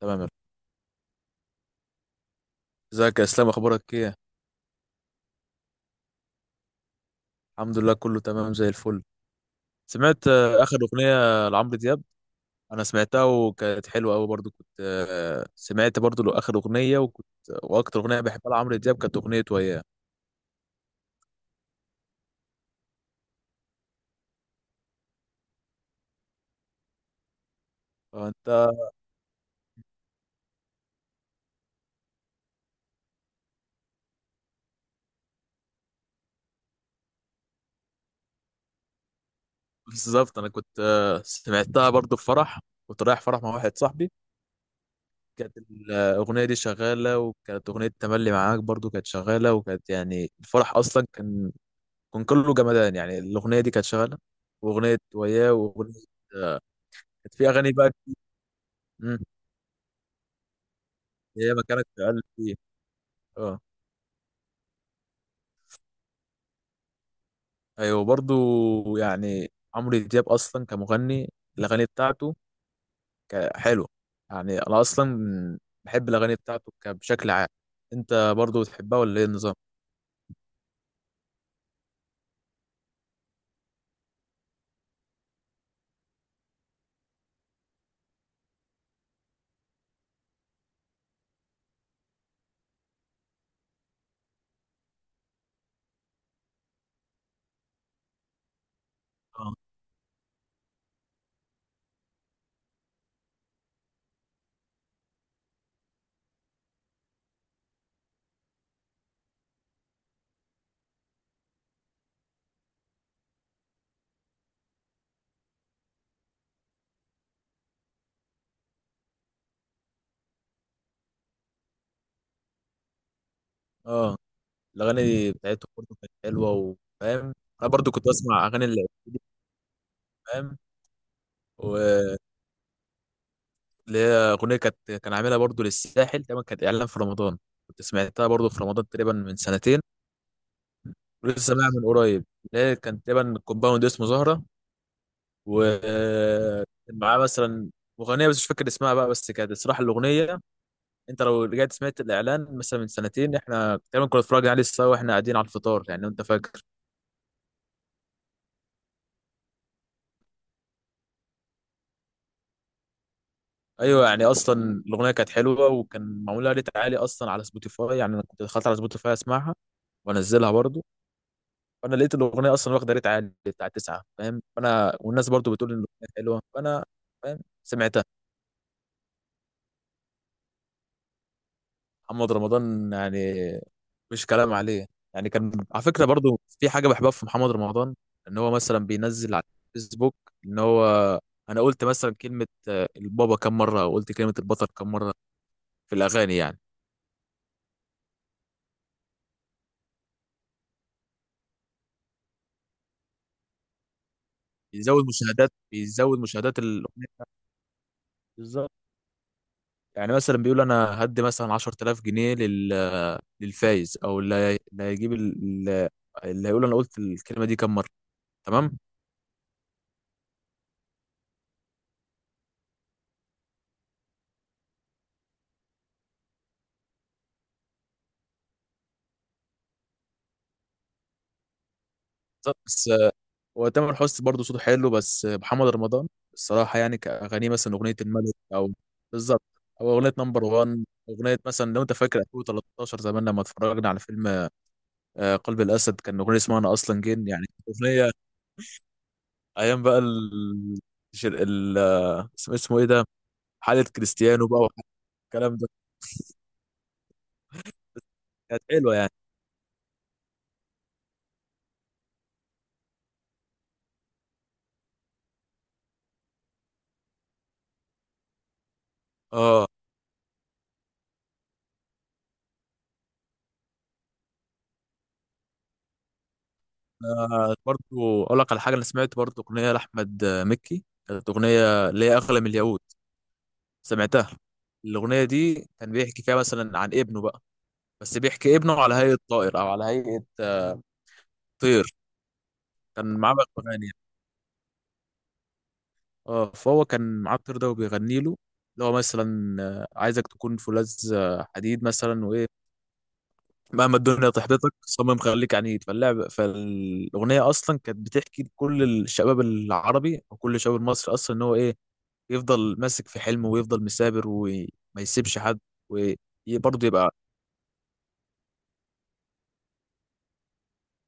تمام. ازيك يا اسلام، اخبارك ايه؟ الحمد لله كله تمام زي الفل. سمعت اخر اغنيه لعمرو دياب. انا سمعتها وكانت حلوه قوي برضو. كنت سمعت برضو له اخر اغنيه، وكنت واكتر اغنيه بحبها لعمرو دياب كانت اغنيه وياه. فانت بالظبط. انا كنت سمعتها برضو في فرح. كنت رايح فرح مع واحد صاحبي، كانت الاغنيه دي شغاله، وكانت اغنيه تملي معاك برضو كانت شغاله، وكانت يعني الفرح اصلا كان كله جمدان. يعني الاغنيه دي كانت شغاله، واغنيه وياه واغنيه. كانت في اغاني بقى. مم. هي مكانك في قلبي. اه. ايوه برضو، يعني عمرو دياب اصلا كمغني الاغاني بتاعته حلوه. يعني انا اصلا بحب الاغاني بتاعته بشكل عام. انت برضو بتحبها ولا ايه النظام؟ اه اه. الاغاني بتاعته برضو كانت حلوه وفاهم. انا برضو كنت بسمع اغاني اللي فاهم، واللي هي اغنيه كانت، كان عاملها برضو للساحل تقريبا، كانت اعلان في رمضان. كنت سمعتها برضو في رمضان تقريبا من سنتين، لسه بقى من قريب. لا، كان تقريبا كومباوند اسمه زهرة، ومعاه مثلا مغنية بس مش فاكر اسمها بقى. بس كانت الصراحة الأغنية، أنت لو رجعت سمعت الإعلان مثلا من سنتين، إحنا تقريبا كنا اتفرجنا عليه سوا وإحنا قاعدين على الفطار، يعني لو أنت فاكر. أيوه، يعني أصلا الأغنية كانت حلوة وكان معمولها ريت عالي أصلا على سبوتيفاي. يعني أنا كنت دخلت على سبوتيفاي أسمعها وأنزلها برضو. فأنا لقيت الأغنية أصلا واخدة ريت عالي بتاع تسعة، فاهم؟ فأنا والناس برضو بتقول إن الأغنية حلوة، فأنا فاهم سمعتها. محمد رمضان يعني مش كلام عليه. يعني كان على فكرة برضو في حاجة بحبها في محمد رمضان، ان هو مثلا بينزل على الفيسبوك ان هو انا قلت مثلا كلمة البابا كم مرة، او قلت كلمة البطل كم مرة في الاغاني يعني. بيزود مشاهدات، بيزود مشاهدات الاغنية. بالظبط. يعني مثلا بيقول انا هدي مثلا 10,000 جنيه لل للفايز، او اللي هيقول انا قلت الكلمة دي كم مرة. تمام. بالظبط. بس وتامر حسني برضه صوته حلو، بس محمد رمضان الصراحة يعني كأغانيه مثلا أغنية الملك، أو بالظبط، أو أغنية نمبر وان. أغنية مثلا لو أنت فاكر 2013، زمان لما اتفرجنا على فيلم قلب الأسد، كان أغنية اسمها أنا أصلا جن. يعني أغنية أيام بقى ال... ال... اسمه اسمه إيه ده، حالة كريستيانو بقى والكلام ده. كانت حلوة يعني. أه. برضه أقول لك على حاجة. أنا سمعت برضه أغنية لأحمد مكي، كانت أغنية اللي هي أغلى من الياقوت. سمعتها، الأغنية دي كان بيحكي فيها مثلا عن ابنه بقى، بس بيحكي ابنه على هيئة طائر أو على هيئة طير. كان معاه بقى أغاني، اه، فهو كان معاه الطير ده وبيغني له، اللي هو مثلا عايزك تكون فولاذ حديد مثلا، وإيه مهما الدنيا تحبطك صمم خليك عنيد. فاللعب فالأغنية أصلا كانت بتحكي لكل الشباب العربي أو كل الشباب المصري أصلا إن هو إيه، يفضل ماسك في حلمه، ويفضل مثابر، وما يسيبش حد. وبرضه يبقى،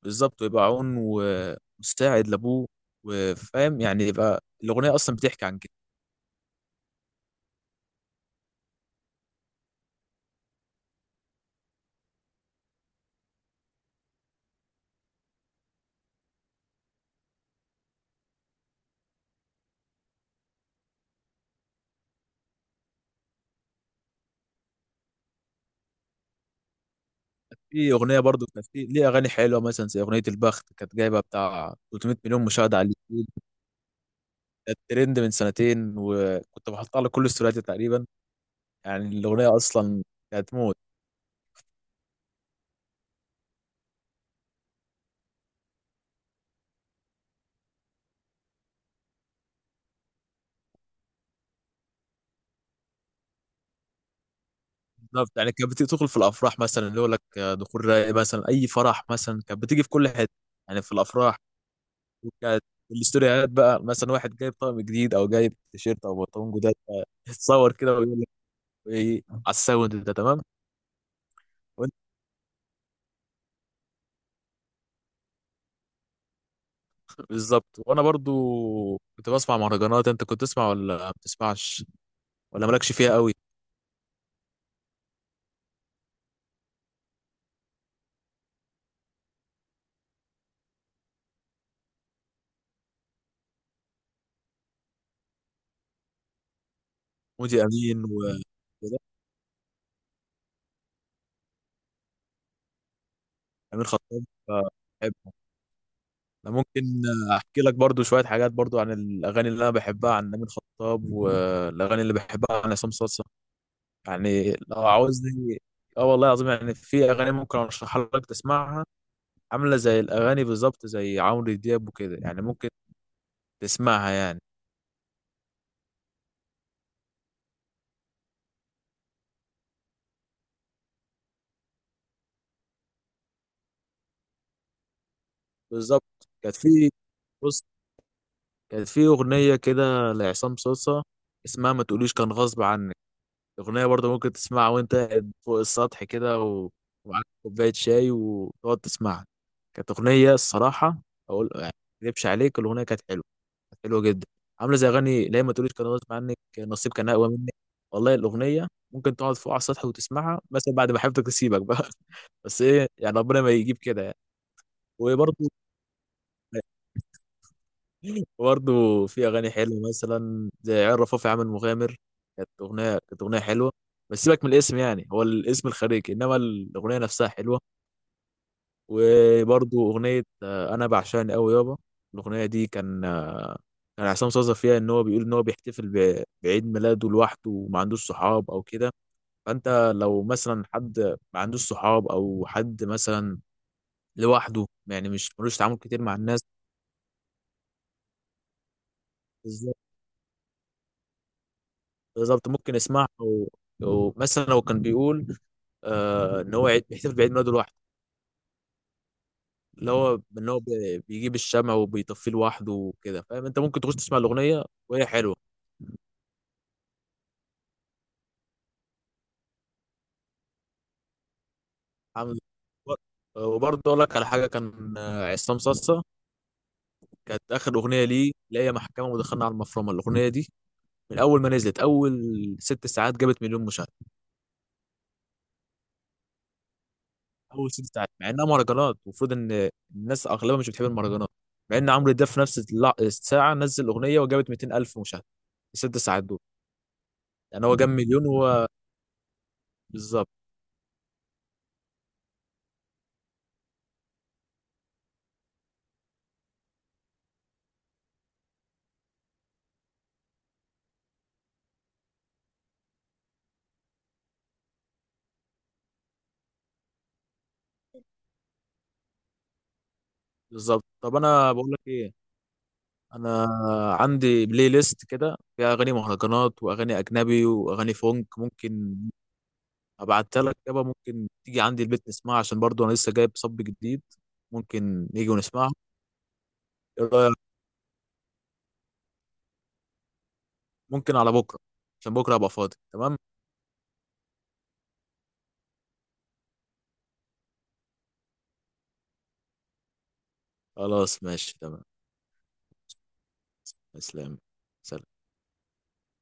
بالظبط، ويبقى عون ومساعد لابوه، وفاهم يعني، يبقى الاغنيه اصلا بتحكي عن كده. في اغنيه برضو كانت في ليه اغاني حلوه مثلا زي اغنيه البخت، كانت جايبه بتاع 300 مليون مشاهده على اليوتيوب. كانت ترند من سنتين، وكنت بحطها على كل استورياتي تقريبا. يعني الاغنيه اصلا كانت موت. بالظبط. يعني كانت بتدخل في الافراح، مثلا اللي يقول لك دخول رايق مثلا، اي فرح مثلا كانت بتيجي في كل حته، يعني في الافراح. وكانت الاستوريات بقى مثلا واحد جايب طقم جديد، او جايب تيشيرت او بنطلون جداد، تصور كده ويقول لك ايه على الساوند ده، تمام. وانت بالظبط، وانا برضو كنت بسمع مهرجانات. انت كنت تسمع ولا ما بتسمعش، ولا مالكش فيها قوي؟ مودي امين و كده، امين خطاب بحبه. انا ممكن احكي لك برضو شويه حاجات برضو عن الاغاني اللي انا بحبها عن امين خطاب، والاغاني اللي بحبها عن عصام صاصا، يعني لو عاوزني. اه والله العظيم، يعني في اغاني ممكن ارشحها لك تسمعها، عاملة زي الأغاني بالظبط زي عمرو دياب وكده، يعني ممكن تسمعها يعني. بالظبط. كانت في، بص، كانت في أغنية كده لعصام صوصة اسمها ما تقوليش كان غصب عنك. أغنية برضه ممكن تسمعها وأنت قاعد فوق السطح كده، و- ومعاك كوباية شاي، وتقعد تسمعها. كانت أغنية الصراحة، أقول يعني ما أكذبش عليك، الأغنية كانت حلوة، حلو جدا. عامله زي اغاني لا ما تقوليش كان غصب عنك، نصيب كان اقوى منك. والله الاغنيه ممكن تقعد فوق على السطح وتسمعها مثلا بعد ما حبيبتك تسيبك بقى بس ايه، يعني ربنا ما يجيب كده يعني. وبرضه برضه في اغاني حلوه مثلا زي عيال رفاف يا عم المغامر، كانت اغنيه، كانت اغنيه حلوه. بس سيبك من الاسم، يعني هو الاسم الخارجي، انما الاغنيه نفسها حلوه. وبرضو أغنية أنا بعشقني أوي يابا، الأغنية دي كان كان عصام صاصا فيها إن هو بيقول إن هو بيحتفل بعيد ميلاده لوحده، وما عندوش صحاب أو كده. فأنت لو مثلا حد ما عندوش صحاب أو حد مثلا لوحده، يعني مش ملوش تعامل كتير مع الناس. بالظبط. بالظبط، ممكن يسمعها و- ومثلا لو كان بيقول آه إن هو بيحتفل بعيد ميلاده لوحده، اللي هو إن هو بيجيب الشمع وبيطفيه لوحده وكده، فاهم أنت ممكن تخش تسمع الأغنية وهي حلوة. حمزة. وبرضه اقول لك على حاجه، كان عصام صاصا كانت اخر اغنيه ليه لا هي محكمه ودخلنا على المفرمه. الاغنيه دي من اول ما نزلت اول ست ساعات جابت مليون مشاهده. اول ست ساعات، مع انها مهرجانات المفروض ان الناس اغلبها مش بتحب المهرجانات، مع ان عمرو دياب في نفس الساعه نزل اغنيه وجابت 200 الف مشاهده في الست ساعات دول. يعني هو جاب مليون هو. بالظبط. بالظبط طب انا بقول لك ايه، انا عندي بلاي ليست كده فيها اغاني مهرجانات واغاني اجنبي واغاني فونك، ممكن هبعتها لك يابا، ممكن تيجي عندي البيت نسمعها، عشان برضو انا لسه جايب صب جديد، ممكن نيجي ونسمعها. ايه رأيك؟ ممكن على بكره عشان بكره ابقى فاضي، تمام؟ خلاص ماشي، تمام. اسلام، سلام.